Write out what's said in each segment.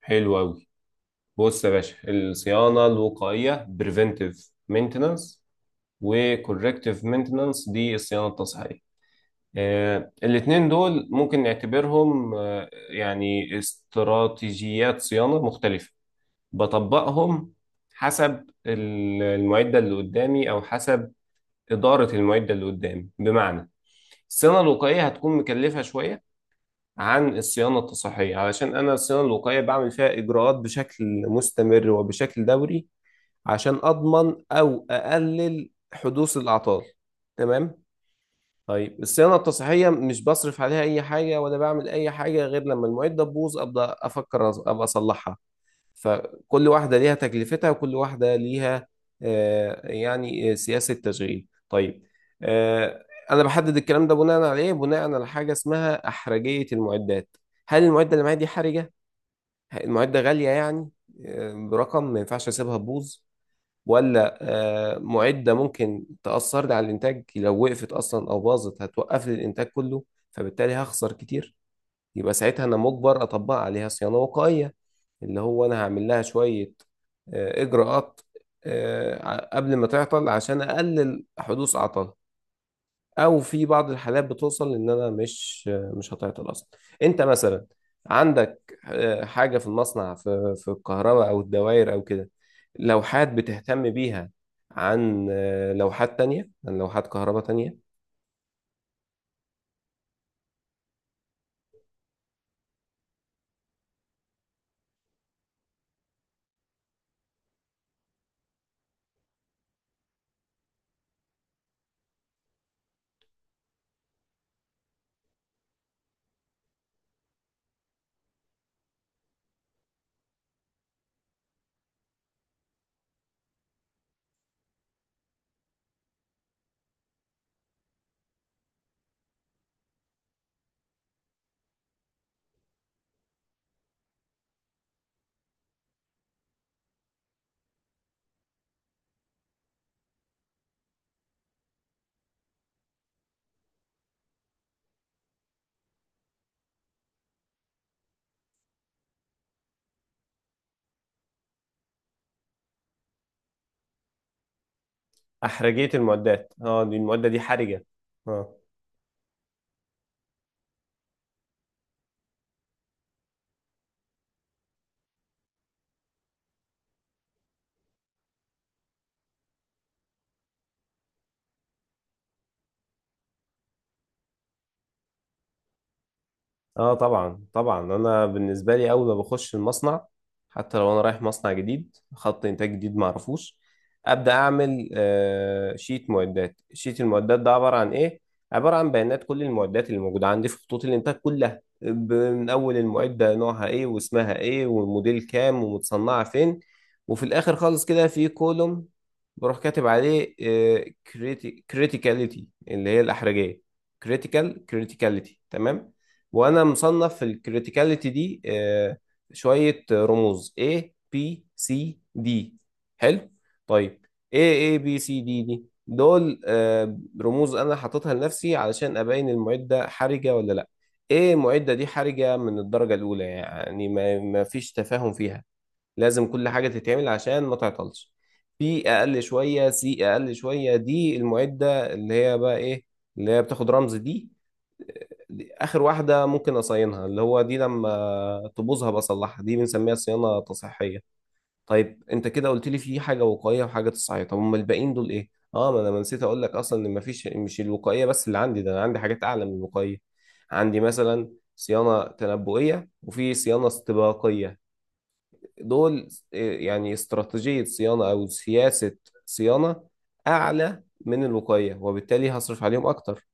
حلو أوي. بص يا باشا، الصيانة الوقائية preventive maintenance و corrective maintenance دي الصيانة التصحيحية. الاتنين دول ممكن نعتبرهم يعني استراتيجيات صيانة مختلفة بطبقهم حسب المعدة اللي قدامي أو حسب إدارة المعدة اللي قدامي. بمعنى الصيانة الوقائية هتكون مكلفة شوية عن الصيانة التصحيحية علشان أنا الصيانة الوقائية بعمل فيها إجراءات بشكل مستمر وبشكل دوري عشان أضمن أو أقلل حدوث الأعطال. تمام. طيب الصيانة التصحيحية مش بصرف عليها أي حاجة ولا بعمل أي حاجة غير لما المعدة تبوظ، أبدأ أفكر أبقى أصلحها. فكل واحدة ليها تكلفتها وكل واحدة ليها يعني سياسة تشغيل. طيب، آه، أنا بحدد الكلام ده بناء على إيه؟ بناء على حاجة اسمها أحرجية المعدات. هل المعدة اللي معايا دي حرجة؟ المعدة غالية يعني، برقم ما ينفعش أسيبها تبوظ، ولا معدة ممكن تأثر لي على الإنتاج لو وقفت أصلا أو باظت هتوقف لي الإنتاج كله فبالتالي هخسر كتير. يبقى ساعتها أنا مجبر أطبق عليها صيانة وقائية، اللي هو أنا هعمل لها شوية إجراءات قبل ما تعطل عشان أقلل حدوث أعطال. او في بعض الحالات بتوصل ان انا مش هتعطل اصلا. انت مثلا عندك حاجه في المصنع، في الكهرباء او الدوائر او كده، لوحات بتهتم بيها عن لوحات تانية، عن لوحات كهرباء تانية. احرجيه المعدات، اه دي المعده دي حرجه. اه. اه طبعا طبعا، انا بالنسبه لي اول ما بخش المصنع، حتى لو انا رايح مصنع جديد خط انتاج جديد ما اعرفوش ابدا، اعمل شيت معدات. شيت المعدات ده عباره عن ايه؟ عباره عن بيانات كل المعدات اللي موجوده عندي في خطوط الانتاج كلها، من اول المعده نوعها ايه واسمها ايه والموديل كام ومتصنعه فين. وفي الاخر خالص كده في كولوم بروح كاتب عليه كريتيكاليتي اللي هي الاحرجيه. كريتيكاليتي، تمام. وانا مصنف في الكريتيكاليتي دي شوية رموز: A، B، C، D. حلو، طيب. A، B، C، D دي دول رموز انا حاططها لنفسي علشان ابين المعدة حرجة ولا لا. A معدة دي حرجة من الدرجة الاولى، يعني ما فيش تفاهم فيها، لازم كل حاجة تتعمل عشان ما تعطلش. في أقل شوية سي أقل شوية دي المعدة اللي هي بقى إيه، اللي هي بتاخد رمز دي. دي آخر واحدة ممكن أصينها، اللي هو دي لما تبوظها بصلحها، دي بنسميها صيانة تصحيحية. طيب أنت كده قلت لي في حاجة وقائية وحاجة تصحيحية، طب أمال الباقيين دول إيه؟ ما أنا ما نسيت أقول لك أصلا إن مفيش، مش الوقائية بس اللي عندي ده، أنا عندي حاجات أعلى من الوقائية. عندي مثلا صيانة تنبؤية وفي صيانة استباقية. دول يعني استراتيجية صيانة أو سياسة صيانة أعلى من الوقاية، وبالتالي هصرف عليهم أكتر،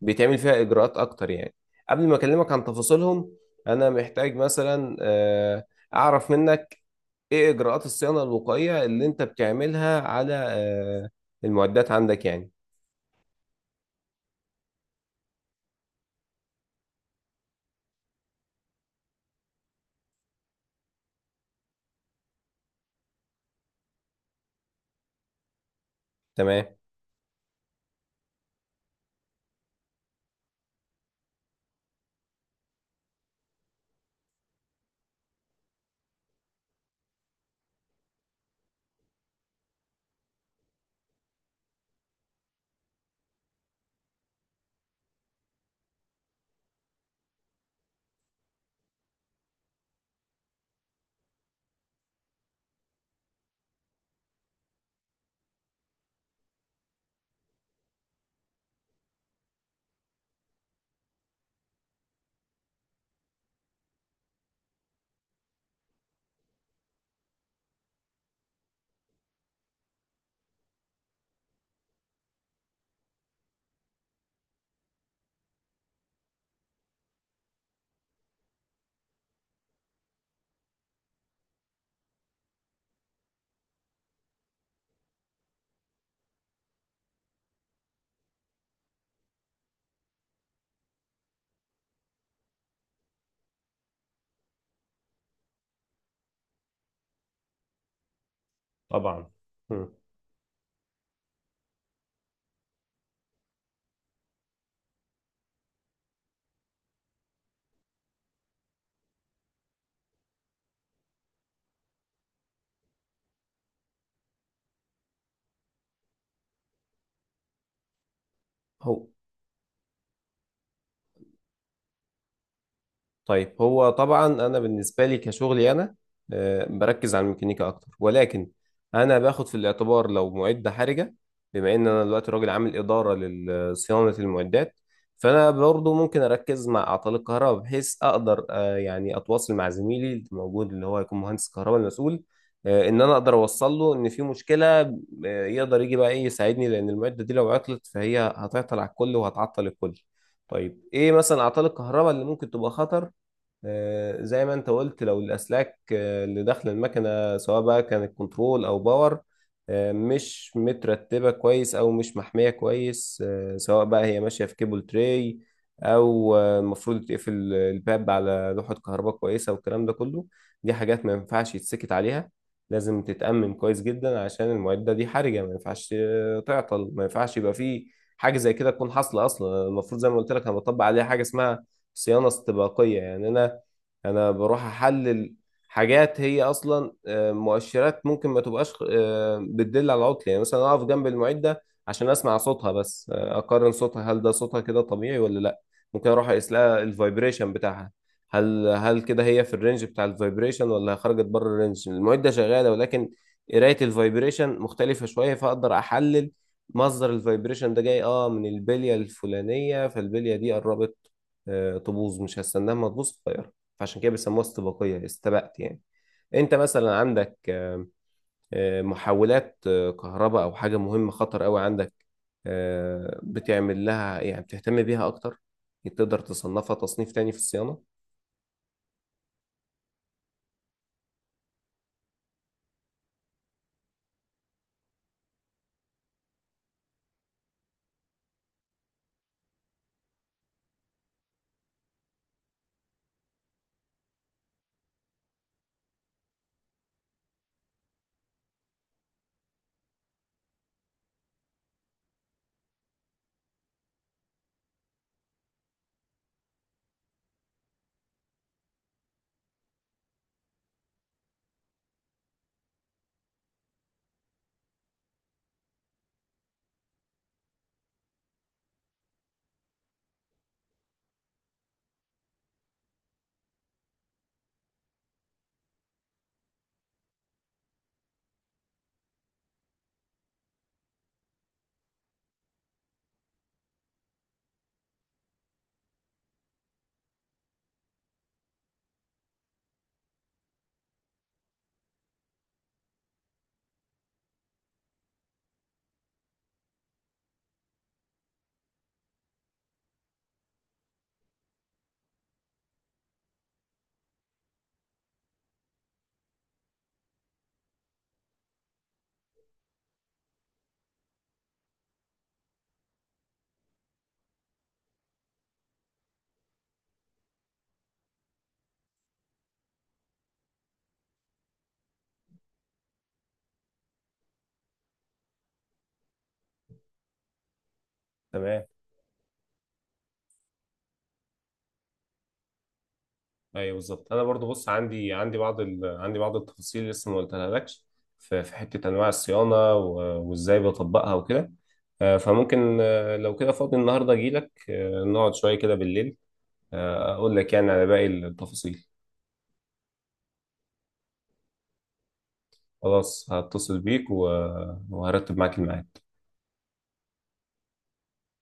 بيتعمل فيها إجراءات أكتر يعني. قبل ما أكلمك عن تفاصيلهم، أنا محتاج مثلا أعرف منك إيه إجراءات الصيانة الوقائية اللي أنت بتعملها على المعدات عندك يعني. تمام. طبعا. مم. هو طيب هو طبعا انا بالنسبه لي كشغلي، انا بركز على الميكانيكا اكتر ولكن انا باخد في الاعتبار لو معده حرجه. بما ان انا دلوقتي راجل عامل اداره لصيانه المعدات، فانا برضو ممكن اركز مع اعطال الكهرباء بحيث اقدر يعني اتواصل مع زميلي اللي موجود، اللي هو هيكون مهندس الكهرباء المسؤول، ان انا اقدر اوصل له ان في مشكله، يقدر يجي بقى ايه يساعدني، لان المعده دي لو عطلت فهي هتعطل على الكل وهتعطل الكل. طيب ايه مثلا اعطال الكهرباء اللي ممكن تبقى خطر؟ زي ما انت قلت لو الاسلاك اللي داخله المكنه سواء بقى كانت كنترول او باور، مش مترتبه كويس او مش محميه كويس، سواء بقى هي ماشيه في كيبل تراي، او المفروض تقفل الباب على لوحه كهرباء كويسه والكلام ده كله. دي حاجات ما ينفعش يتسكت عليها، لازم تتأمن كويس جدا عشان المعده دي حرجه، ما ينفعش تعطل، ما ينفعش يبقى فيه حاجه زي كده تكون حاصله اصلا. المفروض زي ما قلت لك انا بطبق عليها حاجه اسمها صيانه استباقيه، يعني انا بروح احلل حاجات هي اصلا مؤشرات ممكن ما تبقاش بتدل على عطل، يعني مثلا اقف جنب المعده عشان اسمع صوتها بس، اقارن صوتها هل ده صوتها كده طبيعي ولا لا. ممكن اروح اقيس لها الفايبريشن بتاعها، هل كده هي في الرينج بتاع الفايبريشن ولا خرجت بره الرينج، المعده شغاله ولكن قرايه الفايبريشن مختلفه شويه، فاقدر احلل مصدر الفايبريشن ده جاي من البليه الفلانيه، فالبليه دي قربت تبوظ، مش هستناها ما تبوظ. فعشان كده بيسموها استباقية، استبقت يعني. انت مثلا عندك محولات كهرباء او حاجة مهمة خطر قوي عندك، بتعمل لها يعني بتهتم بيها اكتر، تقدر تصنفها تصنيف تاني في الصيانة. تمام، ايوه بالظبط. انا برضو بص، عندي بعض عندي بعض التفاصيل اللي لسه ما قلتها لكش. في حته انواع الصيانه وازاي بطبقها وكده، فممكن لو كده فاضي النهارده اجي لك، نقعد شويه كده بالليل اقول لك يعني على باقي التفاصيل. خلاص هتصل بيك وهرتب معاك الميعاد.